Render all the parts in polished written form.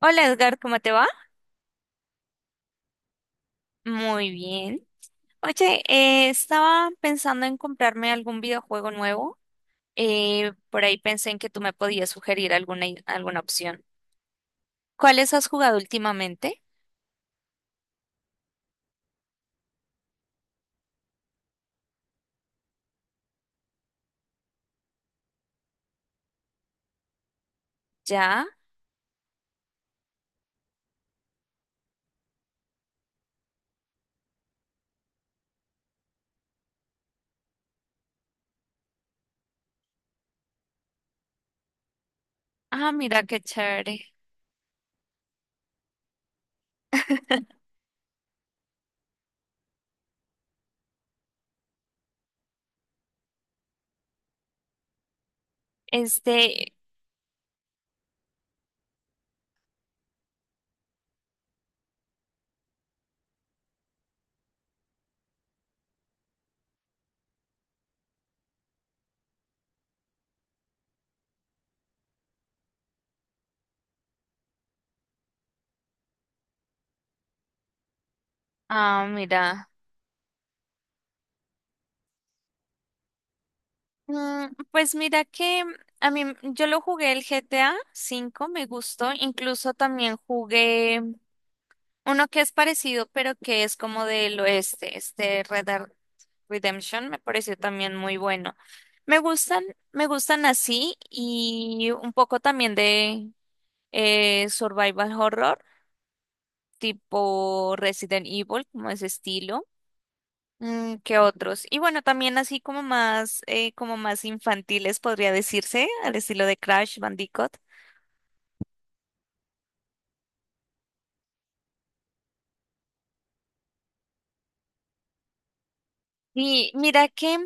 Hola Edgar, ¿cómo te va? Muy bien. Oye, estaba pensando en comprarme algún videojuego nuevo. Por ahí pensé en que tú me podías sugerir alguna opción. ¿Cuáles has jugado últimamente? ¿Ya? Ah, mira qué chévere. Este, ah, mira. Mm, pues mira que a mí, yo lo jugué el GTA V, me gustó. Incluso también jugué uno que es parecido, pero que es como del oeste, este Red Redemption me pareció también muy bueno. Me gustan, me gustan así y un poco también de survival horror, tipo Resident Evil, como ese estilo. Mm, ¿qué otros? Y bueno, también así como más infantiles podría decirse, al estilo de Crash Bandicoot. Y mira que,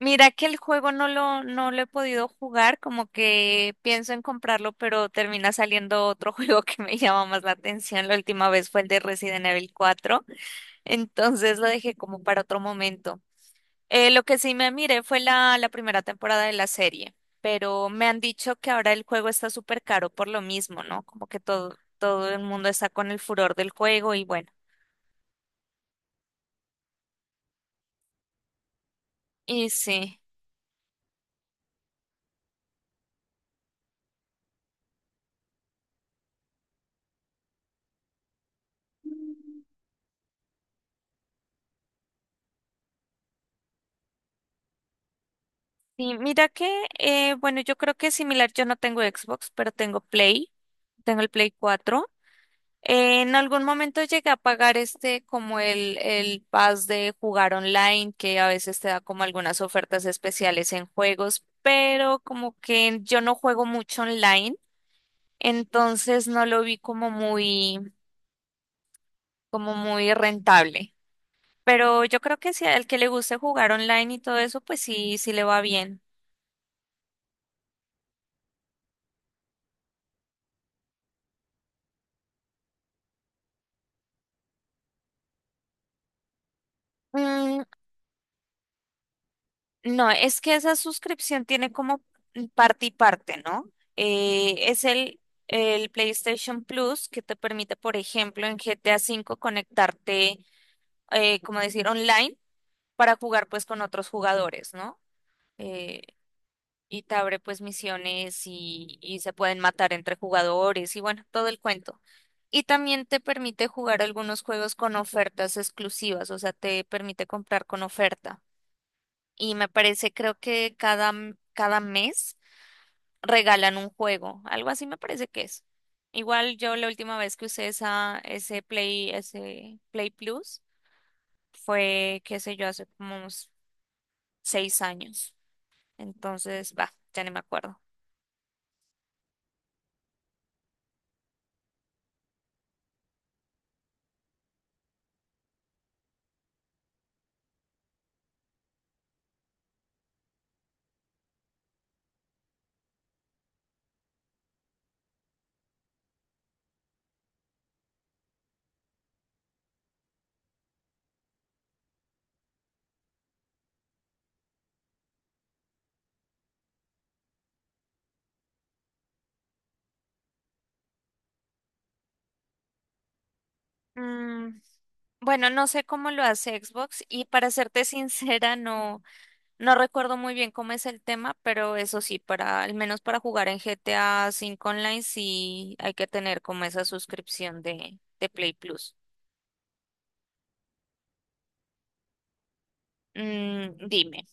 mira que el juego no lo he podido jugar, como que pienso en comprarlo, pero termina saliendo otro juego que me llama más la atención. La última vez fue el de Resident Evil 4, entonces lo dejé como para otro momento. Lo que sí me miré fue la primera temporada de la serie, pero me han dicho que ahora el juego está súper caro por lo mismo, ¿no? Como que todo el mundo está con el furor del juego y bueno, y sí. Sí, mira que, bueno, yo creo que es similar, yo no tengo Xbox, pero tengo Play, tengo el Play 4. En algún momento llegué a pagar este como el pass de jugar online, que a veces te da como algunas ofertas especiales en juegos, pero como que yo no juego mucho online, entonces no lo vi como muy rentable. Pero yo creo que si al que le guste jugar online y todo eso, pues sí, sí le va bien. Mm, no, es que esa suscripción tiene como parte y parte, ¿no? Eh, es el, el PlayStation Plus que te permite, por ejemplo, en GTA V conectarte, como decir, online para jugar pues con otros jugadores, ¿no? Eh, y te abre pues misiones y se pueden matar entre jugadores y bueno, todo el cuento. Y también te permite jugar algunos juegos con ofertas exclusivas, o sea, te permite comprar con oferta y me parece, creo que cada mes regalan un juego, algo así me parece que es. Igual yo la última vez que usé ese Play Plus fue, qué sé yo, hace como unos 6 años. Entonces, va, ya ni me acuerdo. Mm, bueno, no sé cómo lo hace Xbox y para serte sincera, no. No recuerdo muy bien cómo es el tema, pero eso sí, para al menos para jugar en GTA V Online sí hay que tener como esa suscripción de Play Plus. Mm, dime,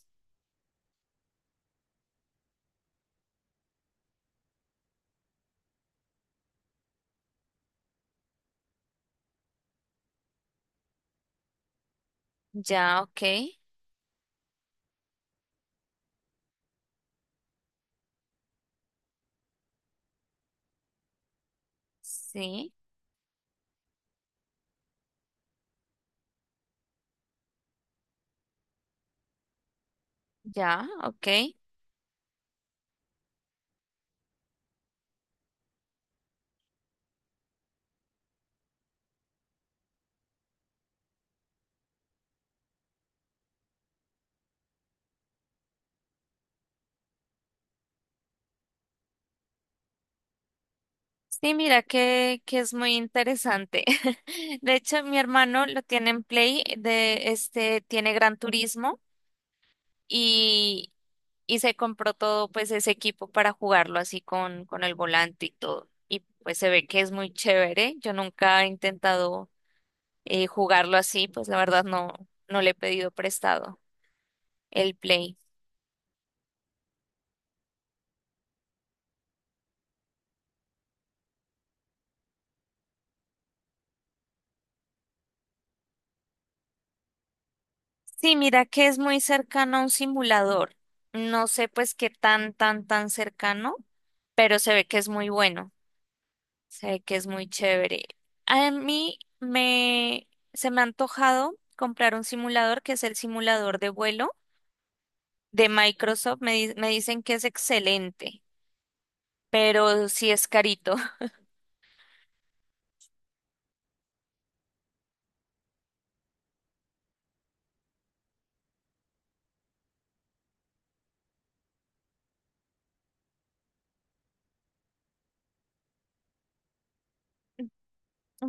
ya, ok, sí, ya, ok. Sí, mira que es muy interesante. De hecho, mi hermano lo tiene en Play, de este, tiene Gran Turismo. Y, y se compró todo pues ese equipo para jugarlo así con el volante y todo. Y pues se ve que es muy chévere. Yo nunca he intentado jugarlo así, pues la verdad no, no le he pedido prestado el Play. Sí, mira que es muy cercano a un simulador. No sé pues qué tan cercano, pero se ve que es muy bueno, se ve que es muy chévere. A mí me, se me ha antojado comprar un simulador que es el simulador de vuelo de Microsoft me, me dicen que es excelente, pero sí es carito.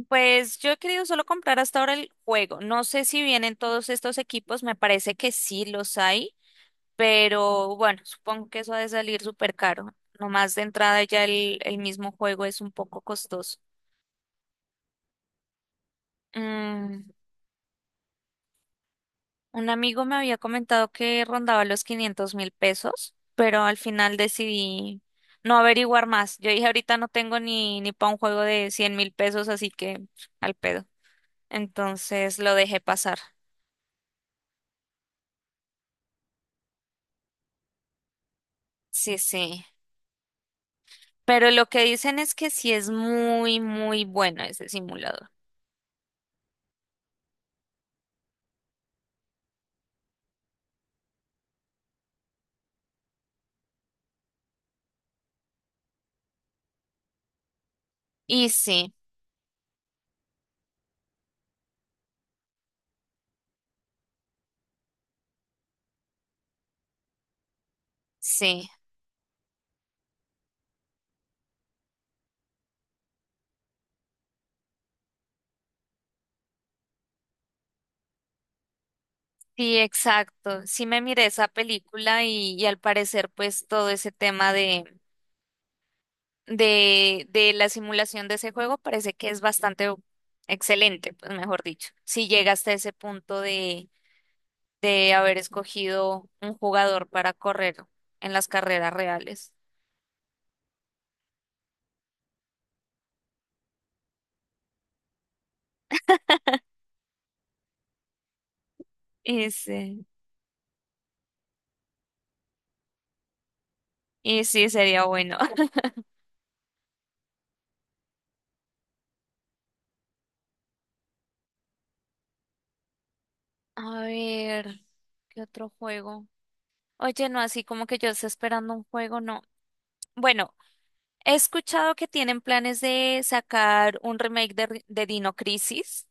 Pues yo he querido solo comprar hasta ahora el juego. No sé si vienen todos estos equipos, me parece que sí los hay, pero bueno, supongo que eso ha de salir súper caro. Nomás de entrada ya el mismo juego es un poco costoso. Mm, un amigo me había comentado que rondaba los 500.000 pesos, pero al final decidí no averiguar más. Yo dije, ahorita no tengo ni para un juego de 100.000 pesos, así que al pedo. Entonces lo dejé pasar. Sí, sí. Pero lo que dicen es que sí es muy bueno ese simulador. Y sí, sí, sí, exacto. Sí me miré esa película y al parecer pues todo ese tema de la simulación de ese juego parece que es bastante excelente, pues mejor dicho. Si llega hasta ese punto de haber escogido un jugador para correr en las carreras reales. Y sí, y sí, sería bueno. A ver, ¿qué otro juego? Oye, no, así como que yo esté esperando un juego, no. Bueno, he escuchado que tienen planes de sacar un remake de Dino Crisis,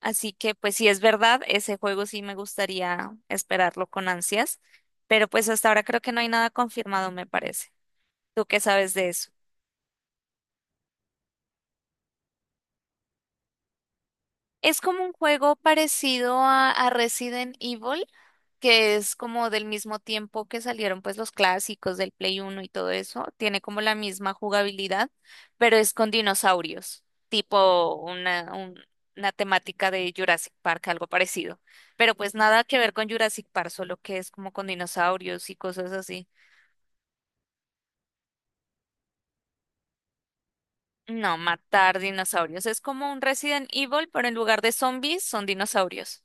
así que pues si es verdad, ese juego sí me gustaría esperarlo con ansias, pero pues hasta ahora creo que no hay nada confirmado, me parece. ¿Tú qué sabes de eso? Es como un juego parecido a Resident Evil, que es como del mismo tiempo que salieron pues los clásicos del Play Uno y todo eso, tiene como la misma jugabilidad, pero es con dinosaurios, tipo una temática de Jurassic Park, algo parecido, pero pues nada que ver con Jurassic Park, solo que es como con dinosaurios y cosas así. No, matar dinosaurios, es como un Resident Evil, pero en lugar de zombies son dinosaurios.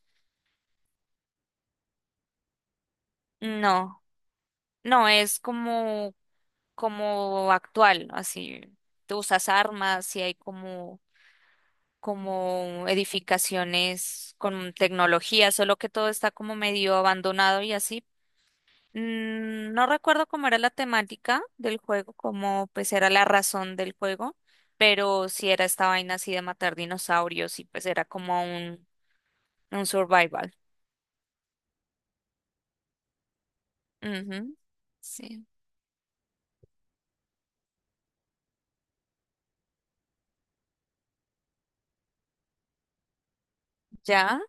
No, no, es como como actual, ¿no? Así, tú usas armas y hay como, como edificaciones con tecnología, solo que todo está como medio abandonado y así. Mm, no recuerdo cómo era la temática del juego, cómo pues era la razón del juego, pero sí era esta vaina así de matar dinosaurios y pues era como un survival. Ujú, sí, ya.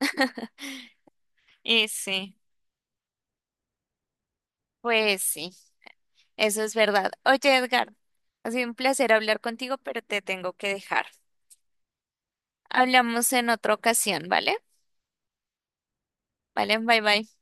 Y sí, pues sí. Eso es verdad. Oye, Edgar, ha sido un placer hablar contigo, pero te tengo que dejar. Hablamos en otra ocasión, ¿vale? Vale, bye bye.